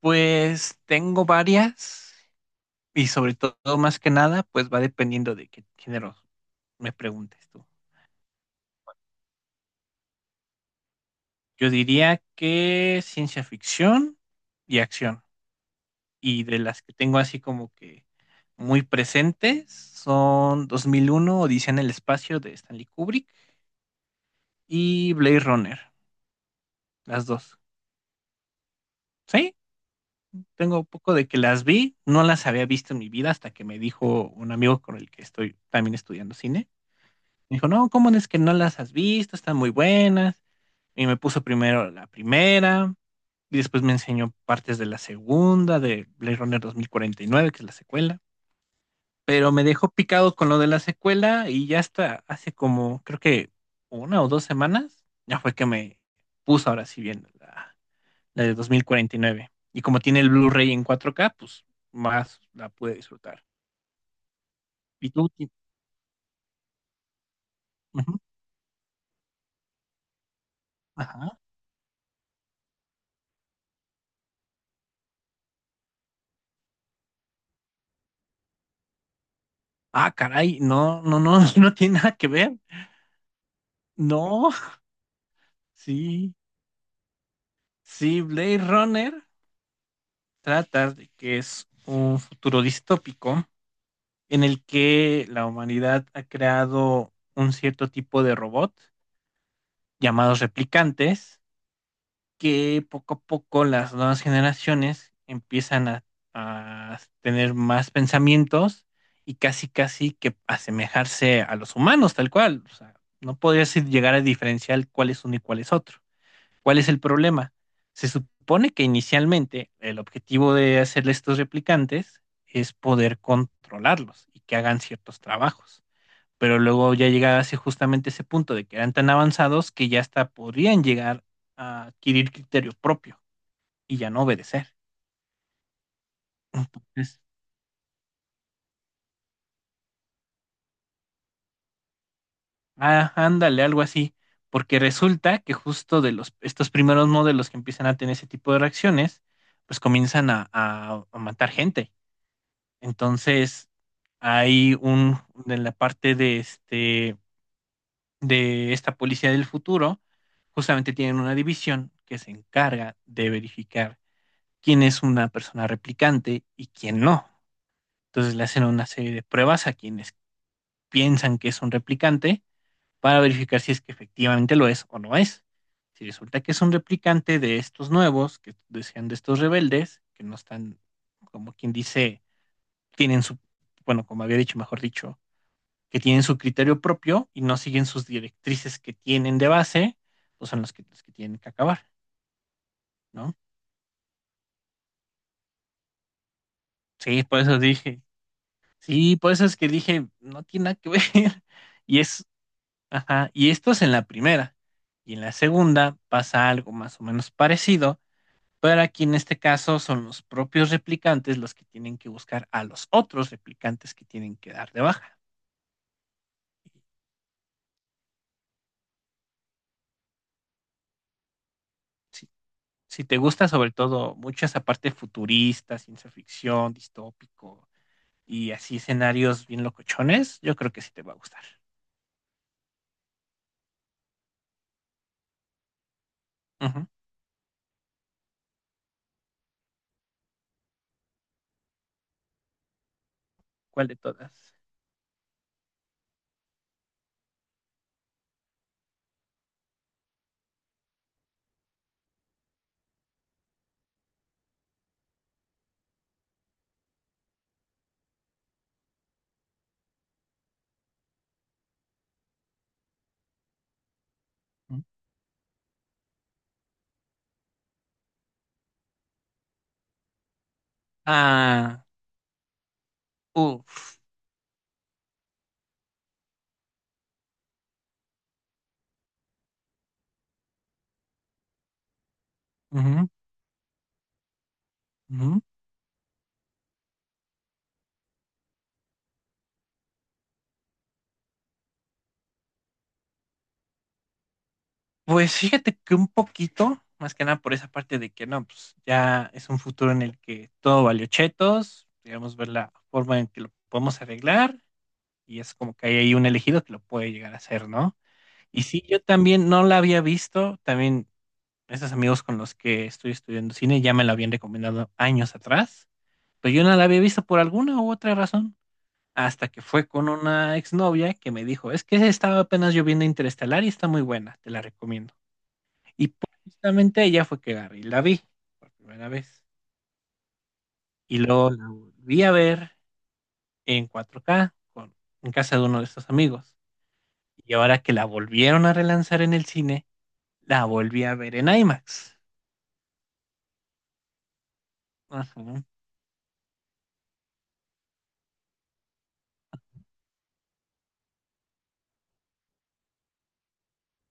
Pues tengo varias y sobre todo más que nada, pues va dependiendo de qué género me preguntes tú. Yo diría que ciencia ficción y acción. Y de las que tengo así como que muy presentes son 2001, Odisea en el espacio de Stanley Kubrick y Blade Runner, las dos. Sí, tengo un poco de que las vi, no las había visto en mi vida hasta que me dijo un amigo con el que estoy también estudiando cine. Me dijo, no, ¿cómo es que no las has visto? Están muy buenas. Y me puso primero la primera, y después me enseñó partes de la segunda, de Blade Runner 2049, que es la secuela. Pero me dejó picado con lo de la secuela y ya hasta hace como, creo que una o dos semanas, ya fue que me puso ahora sí viendo la de 2049. Y nueve. Y como tiene el Blu-ray en 4K, pues más la pude disfrutar. ¿Y tú? Ujú. Ajá. Ah, caray, no, no, no, no tiene nada que ver. No, sí, sí, Blade Runner trata de que es un futuro distópico en el que la humanidad ha creado un cierto tipo de robot llamados replicantes que poco a poco las nuevas generaciones empiezan a tener más pensamientos y casi casi que asemejarse a los humanos tal cual. O sea, no podrías llegar a diferenciar cuál es uno y cuál es otro. ¿Cuál es el problema? Se supone que inicialmente el objetivo de hacerle estos replicantes es poder controlarlos y que hagan ciertos trabajos. Pero luego ya llegase justamente ese punto de que eran tan avanzados que ya hasta podrían llegar a adquirir criterio propio y ya no obedecer. Entonces, ah, ándale, algo así. Porque resulta que justo de los, estos primeros modelos que empiezan a tener ese tipo de reacciones, pues comienzan a matar gente. Entonces, hay en la parte de de esta policía del futuro, justamente tienen una división que se encarga de verificar quién es una persona replicante y quién no. Entonces le hacen una serie de pruebas a quienes piensan que es un replicante para verificar si es que efectivamente lo es o no es. Si resulta que es un replicante de estos nuevos, que decían de estos rebeldes, que no están, como quien dice, tienen su, bueno, como había dicho, mejor dicho, que tienen su criterio propio y no siguen sus directrices que tienen de base, pues son los que tienen que acabar, ¿no? Sí, por eso dije, sí, por eso es que dije, no tiene nada que ver. Y es, ajá, y esto es en la primera. Y en la segunda pasa algo más o menos parecido, pero aquí en este caso son los propios replicantes los que tienen que buscar a los otros replicantes que tienen que dar de baja. Si, si te gusta sobre todo mucho esa parte futurista, ciencia ficción, distópico, y así escenarios bien locochones, yo creo que sí te va a gustar. Ujú. ¿Cuál de todas? Ujú. Ah, uff. Ujú, ujú. Pues fíjate que un poquito, más que nada por esa parte de que no, pues ya es un futuro en el que todo valió chetos, digamos ver la forma en que lo podemos arreglar y es como que hay ahí un elegido que lo puede llegar a hacer, ¿no? Y sí, yo también no la había visto, también esos amigos con los que estoy estudiando cine ya me la habían recomendado años atrás. Pero yo no la había visto por alguna u otra razón, hasta que fue con una exnovia que me dijo, es que estaba apenas yo viendo Interestelar y está muy buena, te la recomiendo. Y pues, justamente ella fue que agarré y la vi por primera vez. Y luego la volví a ver en 4K en casa de uno de estos amigos. Y ahora que la volvieron a relanzar en el cine, la volví a ver en IMAX. Ajá.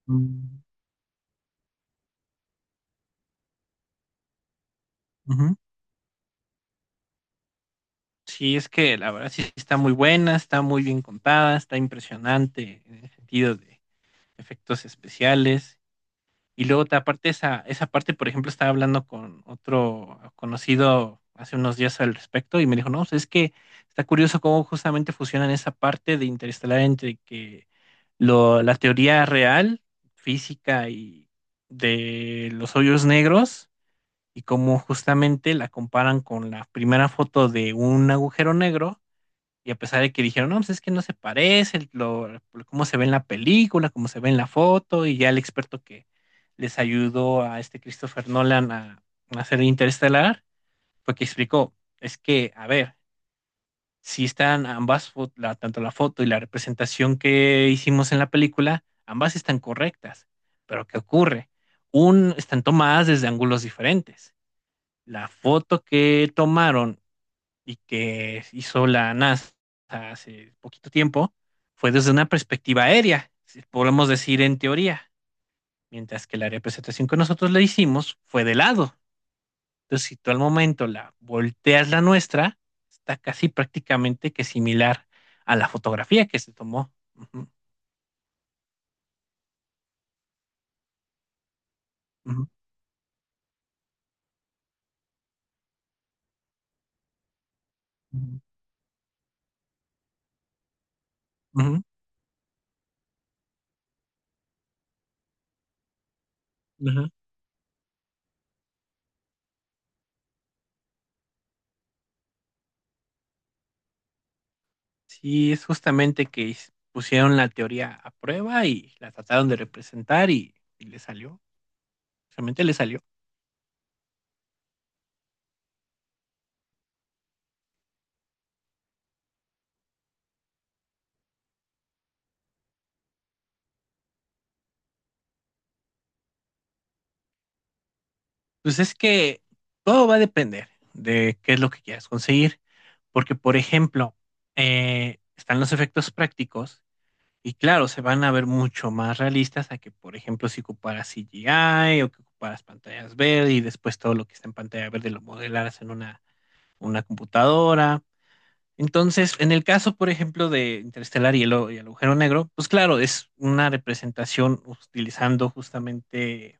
Mm. Ujú. Sí, es que la verdad sí está muy buena, está muy bien contada, está impresionante en el sentido de efectos especiales. Y luego aparte esa parte, por ejemplo, estaba hablando con otro conocido hace unos días al respecto y me dijo, no, o sea, es que está curioso cómo justamente fusionan esa parte de Interestelar entre que la teoría real, física y de los hoyos negros, y cómo justamente la comparan con la primera foto de un agujero negro. Y a pesar de que dijeron, no, pues es que no se parece, cómo se ve en la película, cómo se ve en la foto, y ya el experto que les ayudó a este Christopher Nolan a hacer Interestelar, fue que explicó, es que, a ver, si están ambas, tanto la foto y la representación que hicimos en la película, ambas están correctas, pero ¿qué ocurre? Están tomadas desde ángulos diferentes. La foto que tomaron y que hizo la NASA hace poquito tiempo fue desde una perspectiva aérea, si podemos decir en teoría, mientras que la representación que nosotros le hicimos fue de lado. Entonces, si tú al momento la volteas la nuestra, está casi prácticamente que similar a la fotografía que se tomó. Ujú, ujú, ujú, ujú, ujú. Sí, es justamente que pusieron la teoría a prueba y la trataron de representar y le salió, realmente le salió. Pues es que todo va a depender de qué es lo que quieras conseguir, porque por ejemplo, están los efectos prácticos y claro, se van a ver mucho más realistas a que, por ejemplo, si ocuparas CGI o que ocuparas pantallas verdes y después todo lo que está en pantalla verde lo modelaras en una computadora. Entonces, en el caso, por ejemplo, de Interestelar y el agujero negro, pues claro, es una representación utilizando justamente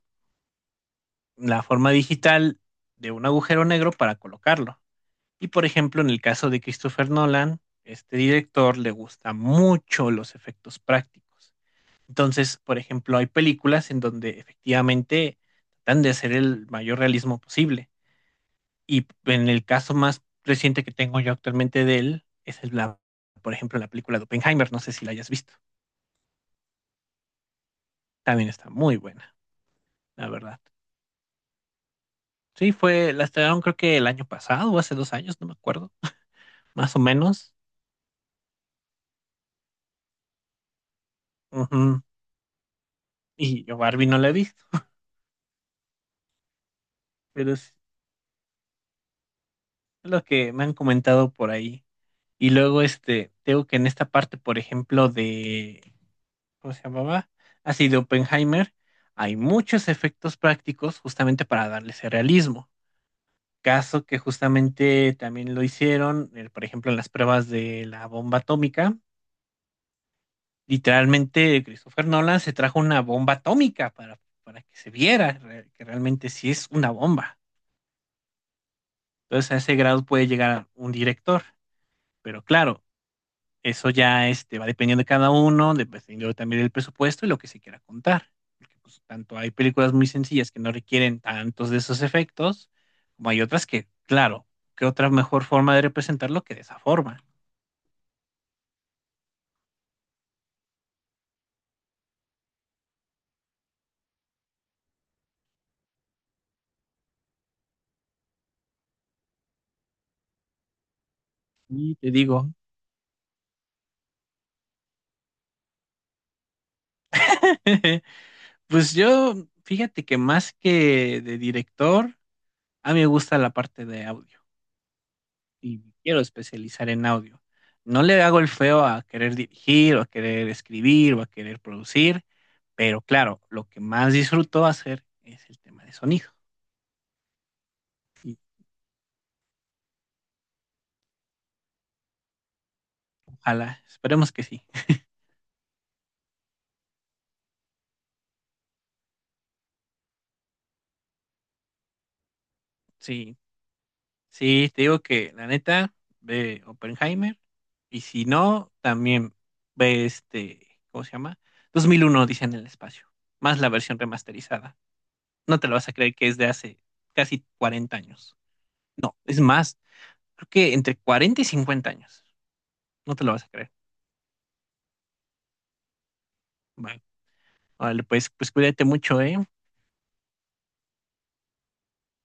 la forma digital de un agujero negro para colocarlo. Y por ejemplo, en el caso de Christopher Nolan, este director le gusta mucho los efectos prácticos. Entonces, por ejemplo, hay películas en donde efectivamente tratan de hacer el mayor realismo posible. Y en el caso más reciente que tengo yo actualmente de él, es por ejemplo, la película de Oppenheimer, no sé si la hayas visto. También está muy buena, la verdad. Sí, la estrenaron creo que el año pasado o hace 2 años, no me acuerdo, más o menos. Ujú. Y yo Barbie no la he visto, pero es lo que me han comentado por ahí. Y luego, tengo que en esta parte, por ejemplo, ¿cómo se llamaba? Así de Oppenheimer, hay muchos efectos prácticos justamente para darle ese realismo. Caso que justamente también lo hicieron, por ejemplo, en las pruebas de la bomba atómica. Literalmente, Christopher Nolan se trajo una bomba atómica para que se viera que realmente sí es una bomba. Entonces, a ese grado puede llegar un director, pero claro, eso ya va dependiendo de cada uno, dependiendo también del presupuesto y lo que se quiera contar. Porque pues, tanto hay películas muy sencillas que no requieren tantos de esos efectos, como hay otras que, claro, ¿qué otra mejor forma de representarlo que de esa forma? Y te digo, pues yo, fíjate que más que de director, a mí me gusta la parte de audio. Y me quiero especializar en audio. No le hago el feo a querer dirigir o a querer escribir o a querer producir, pero claro, lo que más disfruto hacer es el tema de sonido. Y ojalá, esperemos que sí. Sí, sí, te digo que la neta, ve Oppenheimer y si no, también ve ¿cómo se llama? 2001, dice en el espacio, más la versión remasterizada. No te lo vas a creer que es de hace casi 40 años. No, es más, creo que entre 40 y 50 años. No te lo vas a creer. Vale. Órale, pues cuídate mucho, ¿eh?